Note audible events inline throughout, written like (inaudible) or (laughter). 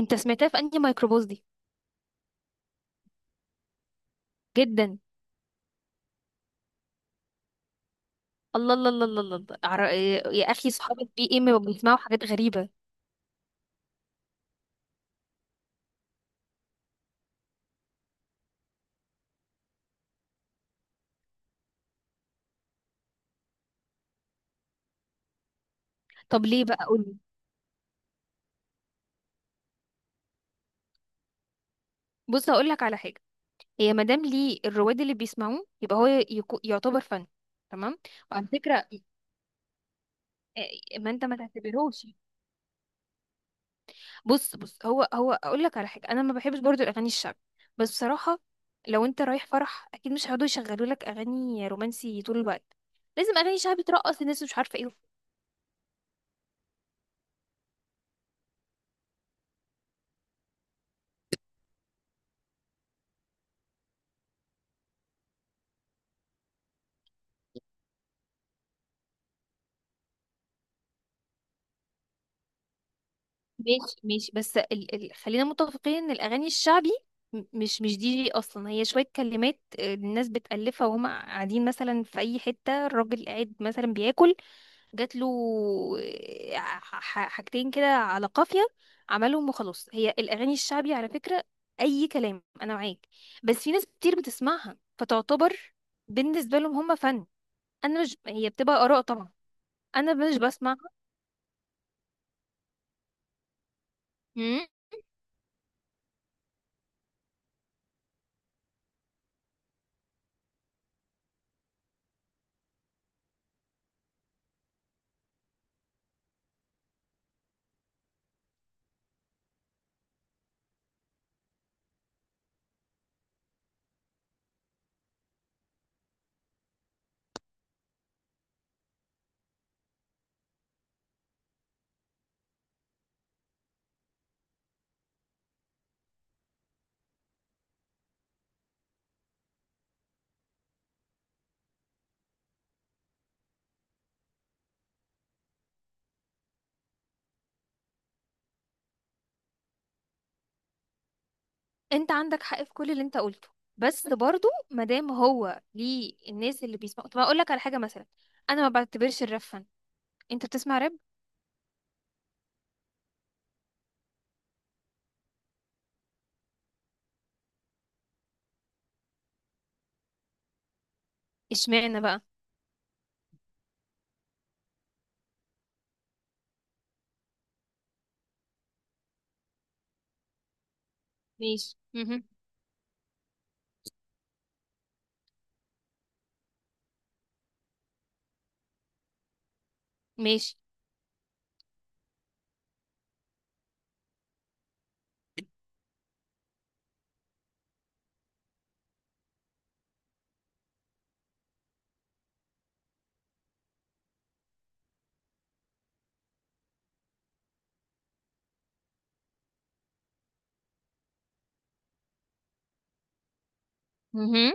انت سمعتها في انهي ميكروباص دي؟ جدا. الله الله الله الله الله الله. يا اخي صحابة بي ام بيسمعوا حاجات غريبه. طب ليه بقى؟ قولي. بص، هقول لك على حاجه. هي مادام ليه الرواد اللي بيسمعوه يبقى هو يعتبر فن، تمام؟ وعلى فكره، اه، ما انت ما تعتبرهوش. بص بص، هو اقول لك على حاجه، انا ما بحبش برضو الاغاني الشعبي، بس بصراحه لو انت رايح فرح اكيد مش هيقعدوا يشغلوا لك اغاني رومانسي طول الوقت، لازم اغاني شعبي ترقص الناس مش عارفه ايه. ماشي ماشي، بس خلينا متفقين ان الاغاني الشعبي مش دي جي اصلا، هي شويه كلمات، الناس بتالفها وهم قاعدين مثلا في اي حته، الراجل قاعد مثلا بياكل، جات له حاجتين كده على قافيه، عملهم وخلاص. هي الاغاني الشعبي على فكره اي كلام، انا معاك. بس في ناس كتير بتسمعها فتعتبر بالنسبه لهم هم فن. انا مش، هي بتبقى اراء طبعا. انا مش بسمع. انت عندك حق في كل اللي انت قلته، بس برضو مادام هو ليه الناس اللي بيسمعوا. طب اقول لك على حاجه مثلا، انا ما بعتبرش الراب فن. انت بتسمع راب؟ اشمعنى بقى؟ ماشي، مهم. ماشي، مهم.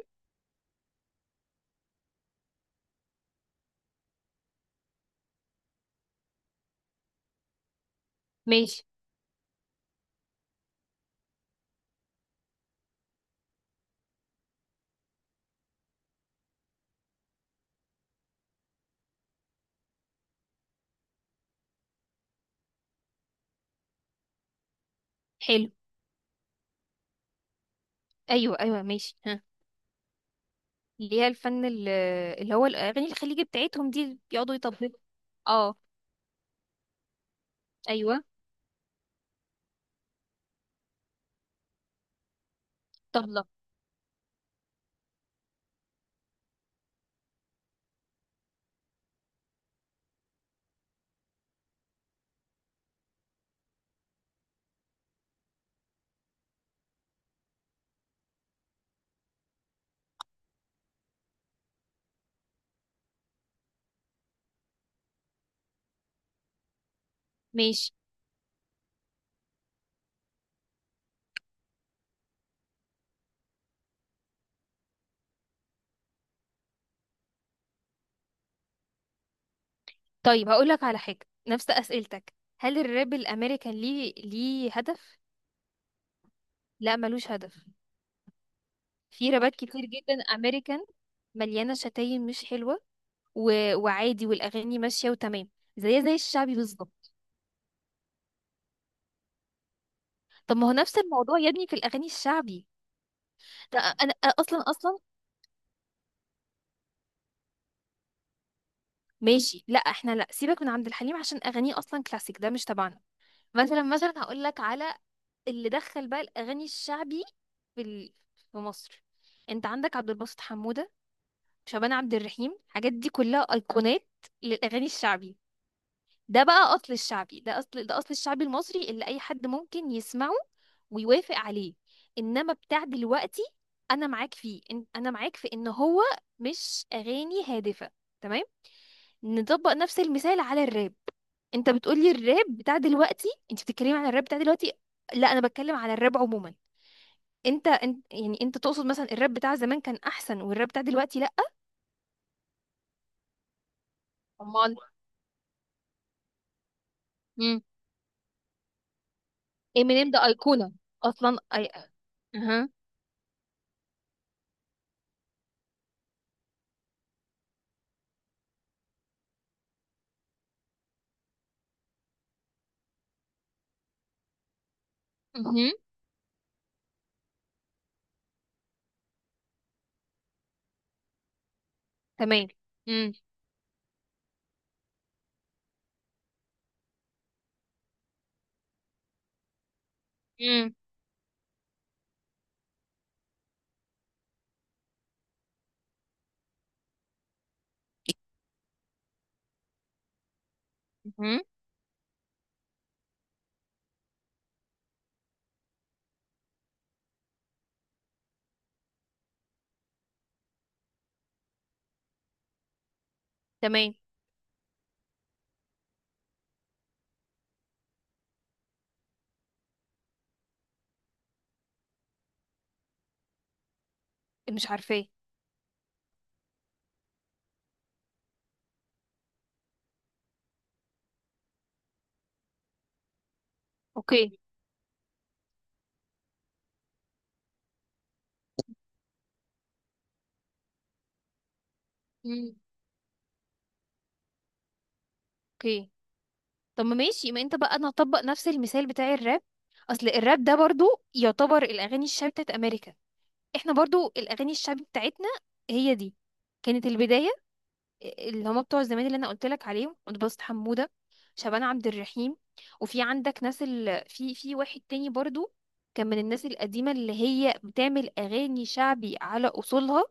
ماشي. حلو. ايوه ايوه ماشي، ها. اللي هي الفن اللي هو الاغاني الخليجي بتاعتهم دي اللي بيقعدوا يطبلوا. اه، ايوه، طبله. ماشي. طيب هقول لك على حاجه، نفس اسئلتك. هل الراب الامريكان ليه هدف؟ لا ملوش هدف. في رابات كتير جدا امريكان مليانة شتايم مش حلوة، وعادي، والأغاني ماشية وتمام، زي الشعبي بالظبط. طب ما هو نفس الموضوع يا ابني في الأغاني الشعبي، ده أنا أصلا أصلا. ماشي، لا احنا لا، سيبك من عبد الحليم عشان أغانيه أصلا كلاسيك، ده مش تبعنا. مثلا مثلا هقول لك على اللي دخل بقى الأغاني الشعبي في ال... في مصر. أنت عندك عبد الباسط حمودة، شعبان عبد الرحيم، الحاجات دي كلها أيقونات للأغاني الشعبي. ده بقى أصل الشعبي، ده أصل، ده أصل الشعبي المصري اللي أي حد ممكن يسمعه ويوافق عليه. انما بتاع دلوقتي انا معاك فيه، انا معاك في ان هو مش اغاني هادفه، تمام؟ نطبق نفس المثال على الراب. انت بتقولي الراب بتاع دلوقتي، انت بتتكلمي على الراب بتاع دلوقتي. لا انا بتكلم على الراب عموما. انت يعني انت تقصد مثلا الراب بتاع زمان كان احسن والراب بتاع دلوقتي لا؟ امال. امم امينيم ده ايقونه اصلا، اي. اها اها، تمام. امم امم تمام. مش عارفاه. اوكي. مم. اوكي. طب ما ماشي، ما انت بقى انا هطبق نفس المثال بتاع الراب. اصل الراب ده برضو يعتبر الاغاني الشعبي بتاعت امريكا، احنا برضو الاغاني الشعبي بتاعتنا هي دي، كانت البدايه، اللي هما بتوع زمان اللي انا قلت لك عليهم، اتبسط حموده، شعبان عبد الرحيم. وفي عندك ناس ال... في في واحد تاني برضو كان من الناس القديمه اللي هي بتعمل اغاني شعبي على اصولها.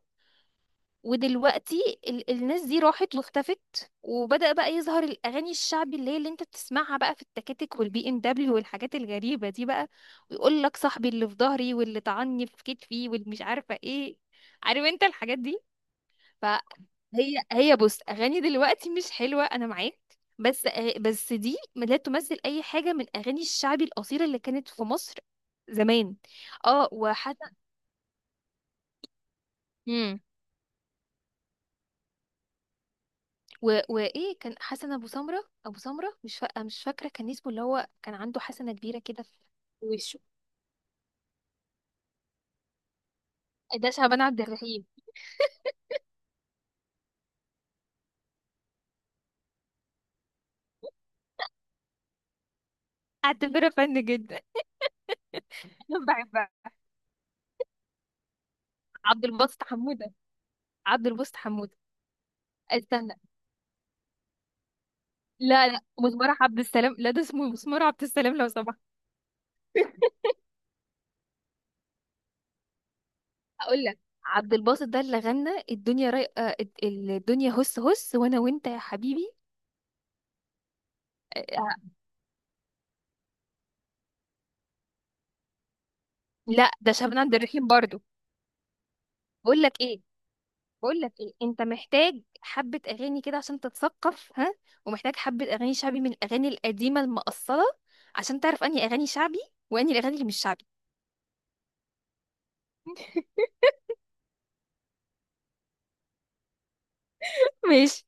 ودلوقتي الناس دي راحت واختفت، وبدأ بقى يظهر الأغاني الشعبي اللي هي اللي انت بتسمعها بقى في التكاتك والبي ام دبليو والحاجات الغريبة دي بقى، ويقول لك صاحبي اللي في ظهري واللي طعني في كتفي واللي مش عارفة ايه، عارف انت الحاجات دي. فهي هي بص، أغاني دلوقتي مش حلوة أنا معاك، بس دي لا تمثل أي حاجة من أغاني الشعبي الأصيلة اللي كانت في مصر زمان. اه، وايه كان حسن ابو سمره ابو سمره، مش فاكره كان اسمه، اللي هو كان عنده حسنه كبيره كده في وشه، ده شعبان عبد الرحيم. اعتبره فن جدا. (laughs) بحبها. عبد الباسط حموده. عبد الباسط حموده. استنى، لا لا، مسمار عبد السلام، لا ده اسمه مسمار عبد السلام لو سمحت. اقول لك، عبد الباسط ده اللي غنى الدنيا الدنيا هس هس وانا وانت يا حبيبي. آه، آه، لا ده شعبان عبد الرحيم برضو. بقول لك ايه، بقول لك ايه، انت محتاج حبة اغاني كده عشان تتثقف، ها، ومحتاج حبة اغاني شعبي من الاغاني القديمة المقصرة عشان تعرف انهي اغاني شعبي وانهي الاغاني اللي مش شعبي. (laughs) ماشي.